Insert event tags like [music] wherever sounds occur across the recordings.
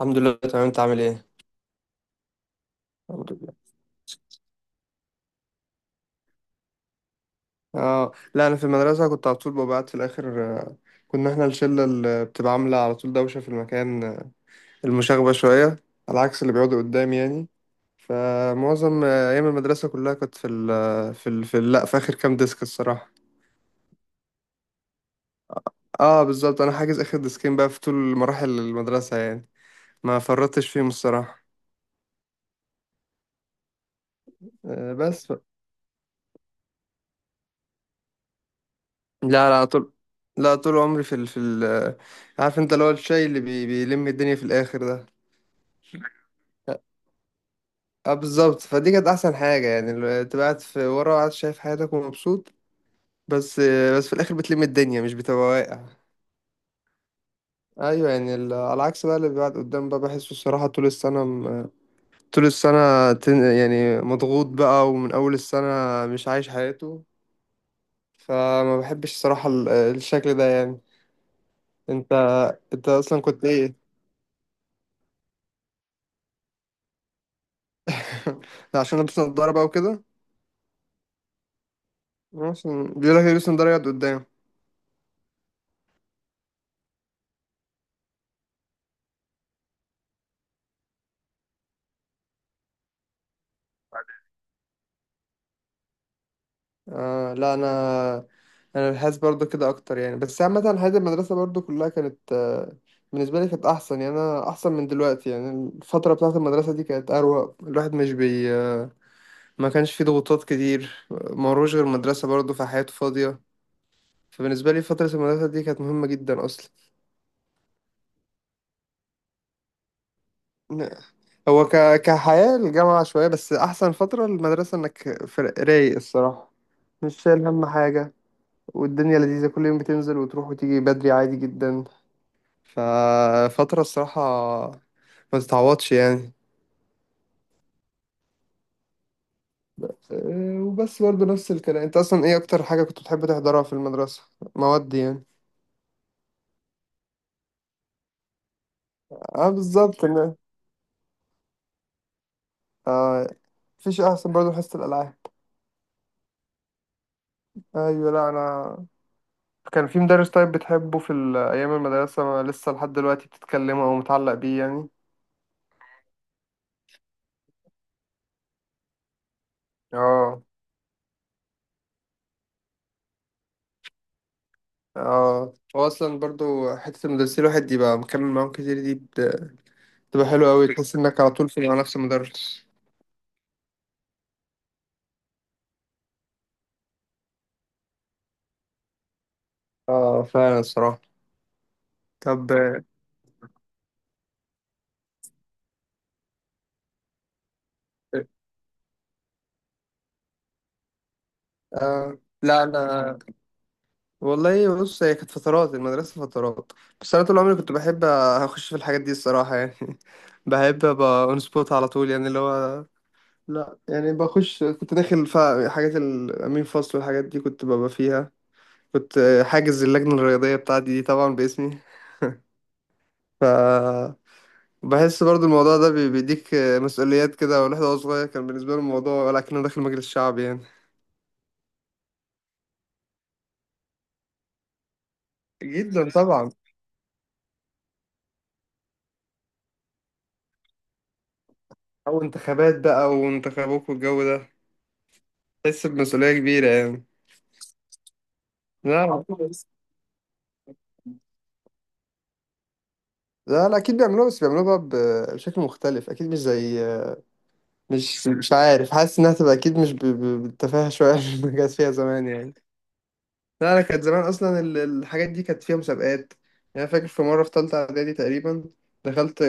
الحمد لله تمام، انت عامل ايه؟ الحمد لله. اه لا، انا في المدرسه كنت على طول ببعت في الاخر. كنا احنا الشله اللي بتبقى عامله على طول دوشه في المكان، المشاغبه شويه، على عكس اللي بيقعدوا قدام يعني. فمعظم ايام المدرسه كلها كنت في ال آه، في ال في ال- لا، في اخر كام ديسك الصراحه. اه بالظبط، انا حاجز اخر ديسكين بقى في طول مراحل المدرسه يعني. ما فرطتش فيهم الصراحه. آه بس ف... لا لا، طول. لا طول عمري في ال. عارف انت اللي هو الشاي اللي بيلم الدنيا في الاخر ده. اه بالظبط، فدي كانت احسن حاجه يعني، تبقى قاعد في ورا وقاعد شايف حياتك ومبسوط. بس، بس في الاخر بتلم الدنيا مش بتبقى واقع. ايوه يعني، على العكس بقى، اللي بيقعد قدام بقى بحسه الصراحه طول السنه طول السنه يعني مضغوط بقى ومن اول السنه مش عايش حياته. فما بحبش الصراحه الشكل ده يعني. انت انت اصلا كنت ايه؟ [laughs] ده عشان لابس نضاره بقى وكده؟ عشان بيقول لك لابس نضاره يقعد قدام. آه لا، انا بحس برضو كده اكتر يعني، بس عامه حياه المدرسه برضو كلها كانت، بالنسبه لي كانت احسن يعني، انا احسن من دلوقتي يعني. الفتره بتاعه المدرسه دي كانت اروق، الواحد مش بي آه، ما كانش فيه ضغوطات كتير، ما وروش غير مدرسه برضو فحياته فاضيه. فبالنسبه لي فتره المدرسه دي كانت مهمه جدا اصلا. كحياه الجامعه شويه، بس احسن فتره المدرسه انك رايق الصراحه. مش شايل هم حاجة، والدنيا لذيذة، كل يوم بتنزل وتروح وتيجي بدري عادي جدا. ففترة الصراحة ما تتعوضش يعني. وبس برضه نفس الكلام، انت اصلا ايه اكتر حاجة كنت بتحب تحضرها في المدرسة؟ مواد يعني. اه بالظبط. اه، مفيش احسن برضه من حصة الالعاب. ايوه لا، انا كان في مدرس طيب بتحبه في ايام المدرسة، ما لسه لحد دلوقتي بتتكلمه او متعلق بيه يعني؟ اه اه، هو اصلا برضه حتة المدرسين الواحد يبقى مكمل معاهم كتير دي بتبقى حلوة اوي، تحس انك على طول في مع نفس المدرس. اه فعلا الصراحة. طب، آه لا، انا والله بص، هي كانت فترات المدرسه فترات، بس انا طول عمري كنت بحب اخش في الحاجات دي الصراحه يعني. [laughs] بحب ابقى اون سبوت على طول يعني، اللي هو لا يعني بخش، كنت داخل في حاجات الامين فصل والحاجات دي كنت ببقى فيها. كنت حاجز اللجنه الرياضيه بتاعتي دي طبعا باسمي. ف بحس برضو الموضوع ده بيديك مسؤوليات كده، والواحد وهو صغير كان بالنسبه له الموضوع ولكنه داخل مجلس شعبي يعني. جدا طبعا. أو انتخابات بقى وانتخابوك والجو ده، تحس بمسؤولية كبيرة يعني. لا لا. لا لا، أكيد بيعملوها، بس بيعملوها بقى بشكل مختلف، أكيد مش زي. مش عارف، حاسس إنها تبقى أكيد مش بالتفاهة شوية [laughs] اللي كانت فيها زمان يعني. لا أنا، كانت زمان أصلا الحاجات دي كانت فيها مسابقات يعني. أنا فاكر في مرة في تالتة إعدادي تقريبا دخلت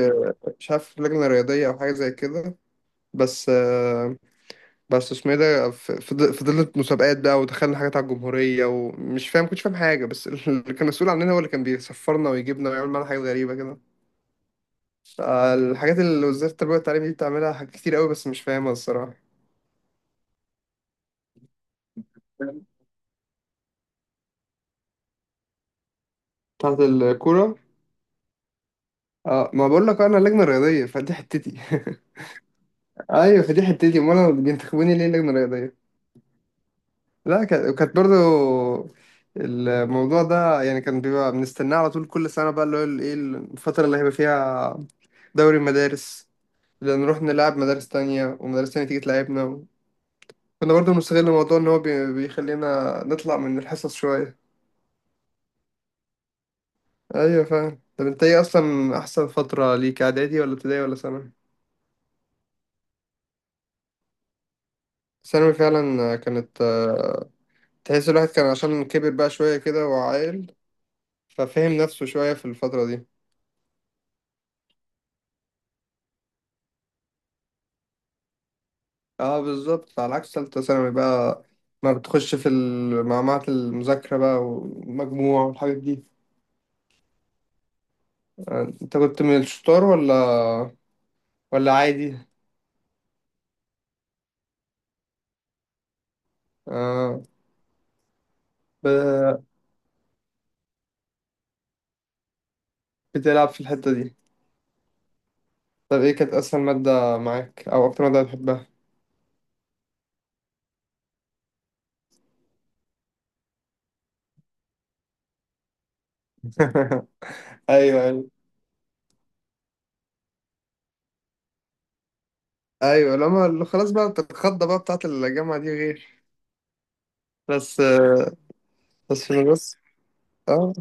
مش عارف لجنة رياضية أو حاجة زي كده. بس، بس اسمه ايه ده فضلت مسابقات بقى، ودخلنا حاجات على الجمهورية، ومش فاهم، كنتش فاهم حاجة، بس اللي كان مسؤول عننا هو اللي كان بيسفرنا ويجيبنا ويعمل معانا حاجات غريبة كده. الحاجات اللي وزارة التربية والتعليم دي بتعملها حاجات كتير قوي بس مش فاهمها الصراحة. بتاعت الكورة. اه، ما بقول لك انا لجنة رياضية، فدي حتتي. [laughs] ايوه فدي حتتي، امال انا بينتخبوني ليه لجنة رياضية؟ لا، كانت برضو الموضوع ده يعني كان بيبقى بنستناه على طول كل سنة بقى، اللي هو ايه الفترة اللي هيبقى فيها دوري مدارس، نروح نلعب مدارس تانية ومدارس تانية تيجي تلعبنا، كنا برضه بنستغل الموضوع إن هو بيخلينا نطلع من الحصص شوية. أيوة فعلا. طب أنت إيه أصلا أحسن فترة ليك، إعدادي ولا ابتدائي ولا ثانوي؟ ثانوي فعلا كانت، تحس الواحد كان عشان كبر بقى شوية كده وعاقل، ففهم نفسه شوية في الفترة دي. اه بالظبط، على عكس تالتة ثانوي بقى، ما بتخش في معمعة المذاكرة بقى والمجموع والحاجات دي. انت كنت من الشطار ولا، ولا عادي؟ آه. ب... بتلعب في الحتة دي. طب ايه كانت اسهل مادة معاك او اكتر مادة بتحبها؟ [laughs] ايوه ايوه. ايوه لما اللي خلاص بقى، الخضة بقى بتاعت الجامعة دي غير. بس بس في المدرسة اه،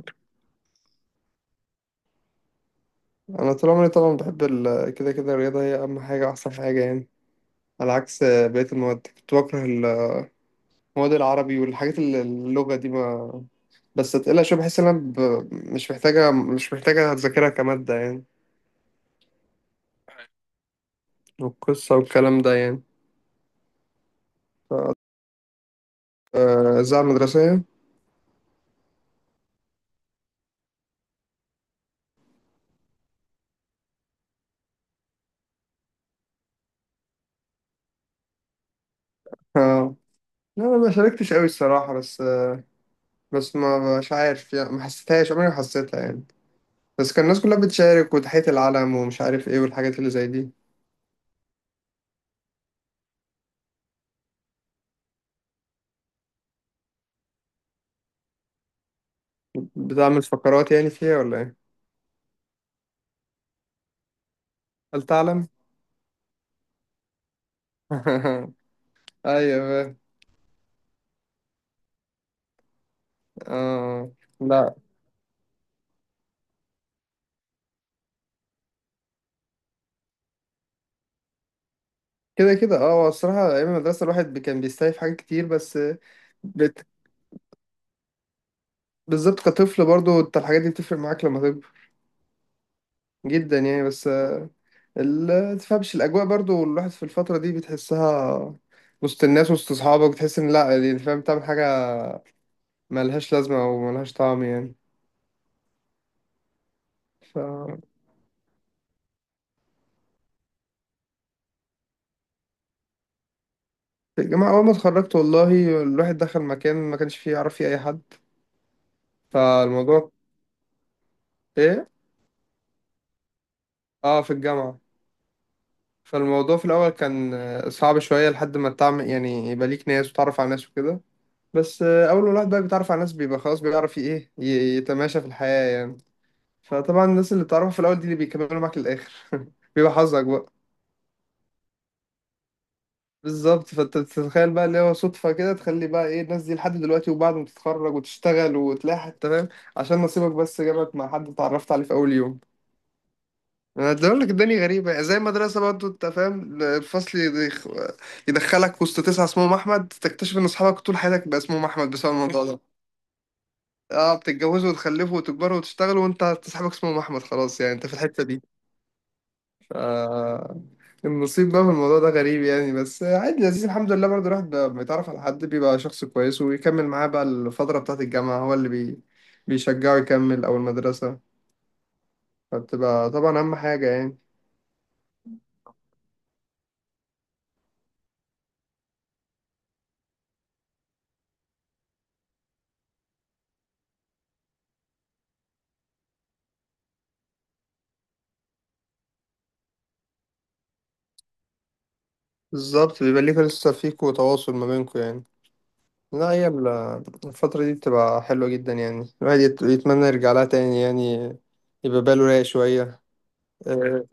انا طول عمري طبعا بحب كده كده الرياضة هي اهم حاجة، احسن حاجة يعني. على عكس بقية المواد كنت بكره المواد، العربي والحاجات اللغة دي ما، بس تقيلة شوية، بحس ان انا مش محتاجة اذاكرها كمادة يعني، والقصة والكلام ده يعني. الإذاعة المدرسية. [laughs] لا انا ما شاركتش قوي الصراحه. بس، بس ما مش عارف يعني، ما حسيتهاش، عمري ما حسيتها يعني، بس كان الناس كلها بتشارك وتحية العلم ومش عارف ايه والحاجات اللي زي دي. بتعمل فقرات يعني فيها ولا ايه؟ هل تعلم. [laughs] ايوه بقى. اه لا، كده كده اه، هو الصراحه ايام المدرسه الواحد كان بيستايف حاجات كتير بس. بت... بالظبط، كطفل برضو انت الحاجات دي بتفرق معاك لما تكبر جدا يعني. بس تفهمش الاجواء برضو الواحد في الفتره دي بتحسها، وسط الناس وسط اصحابك، بتحس ان لا يعني، فاهم، تعمل حاجه ملهاش لازمه او ملهاش طعم يعني. ف في الجامعه اول ما اتخرجت، والله الواحد دخل مكان ما كانش فيه يعرف فيه اي حد. فالموضوع ايه، اه في الجامعه، فالموضوع في الاول كان صعب شويه لحد ما تعمل يعني يبقى ليك ناس وتعرف على ناس وكده. بس اول ما الواحد بقى بيتعرف على ناس بيبقى خلاص بيعرف ايه يتماشى في الحياه يعني. فطبعا الناس اللي بتعرفها في الاول دي اللي بيكملوا معاك للاخر. [laughs] بيبقى حظك بقى. بالظبط، فانت بتتخيل بقى اللي هو صدفه كده تخلي بقى ايه الناس دي لحد دلوقتي، وبعد ما تتخرج وتشتغل وتلاقي حتى، فاهم، عشان نصيبك بس جابك مع حد اتعرفت عليه في اول يوم. انا بقول لك الدنيا غريبه زي المدرسه برضه، انت فاهم، الفصل يدخلك وسط تسعه اسمهم احمد، تكتشف ان اصحابك طول حياتك بقى اسمهم احمد بسبب الموضوع ده. [laughs] اه، بتتجوزوا وتخلفوا وتكبروا وتشتغلوا وانت صاحبك اسمه احمد، خلاص يعني انت في الحته دي. آه، النصيب بقى في الموضوع ده غريب يعني. بس عادي لذيذ الحمد لله، برضه الواحد بقى بيتعرف على حد بيبقى شخص كويس ويكمل معاه بقى. الفترة بتاعة الجامعة هو اللي بيشجعه يكمل، أو المدرسة، فبتبقى طبعا أهم حاجة يعني. بالظبط، بيبقى ليك لسه فيكوا تواصل ما بينكوا يعني. لا، هي الفترة دي بتبقى حلوة جدا يعني، الواحد يتمنى يرجع لها تاني يعني، يبقى باله رايق شوية. آه،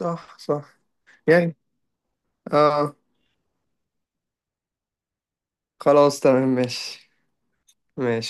صح صح يعني. اه. خلاص تمام ماشي. ماشي.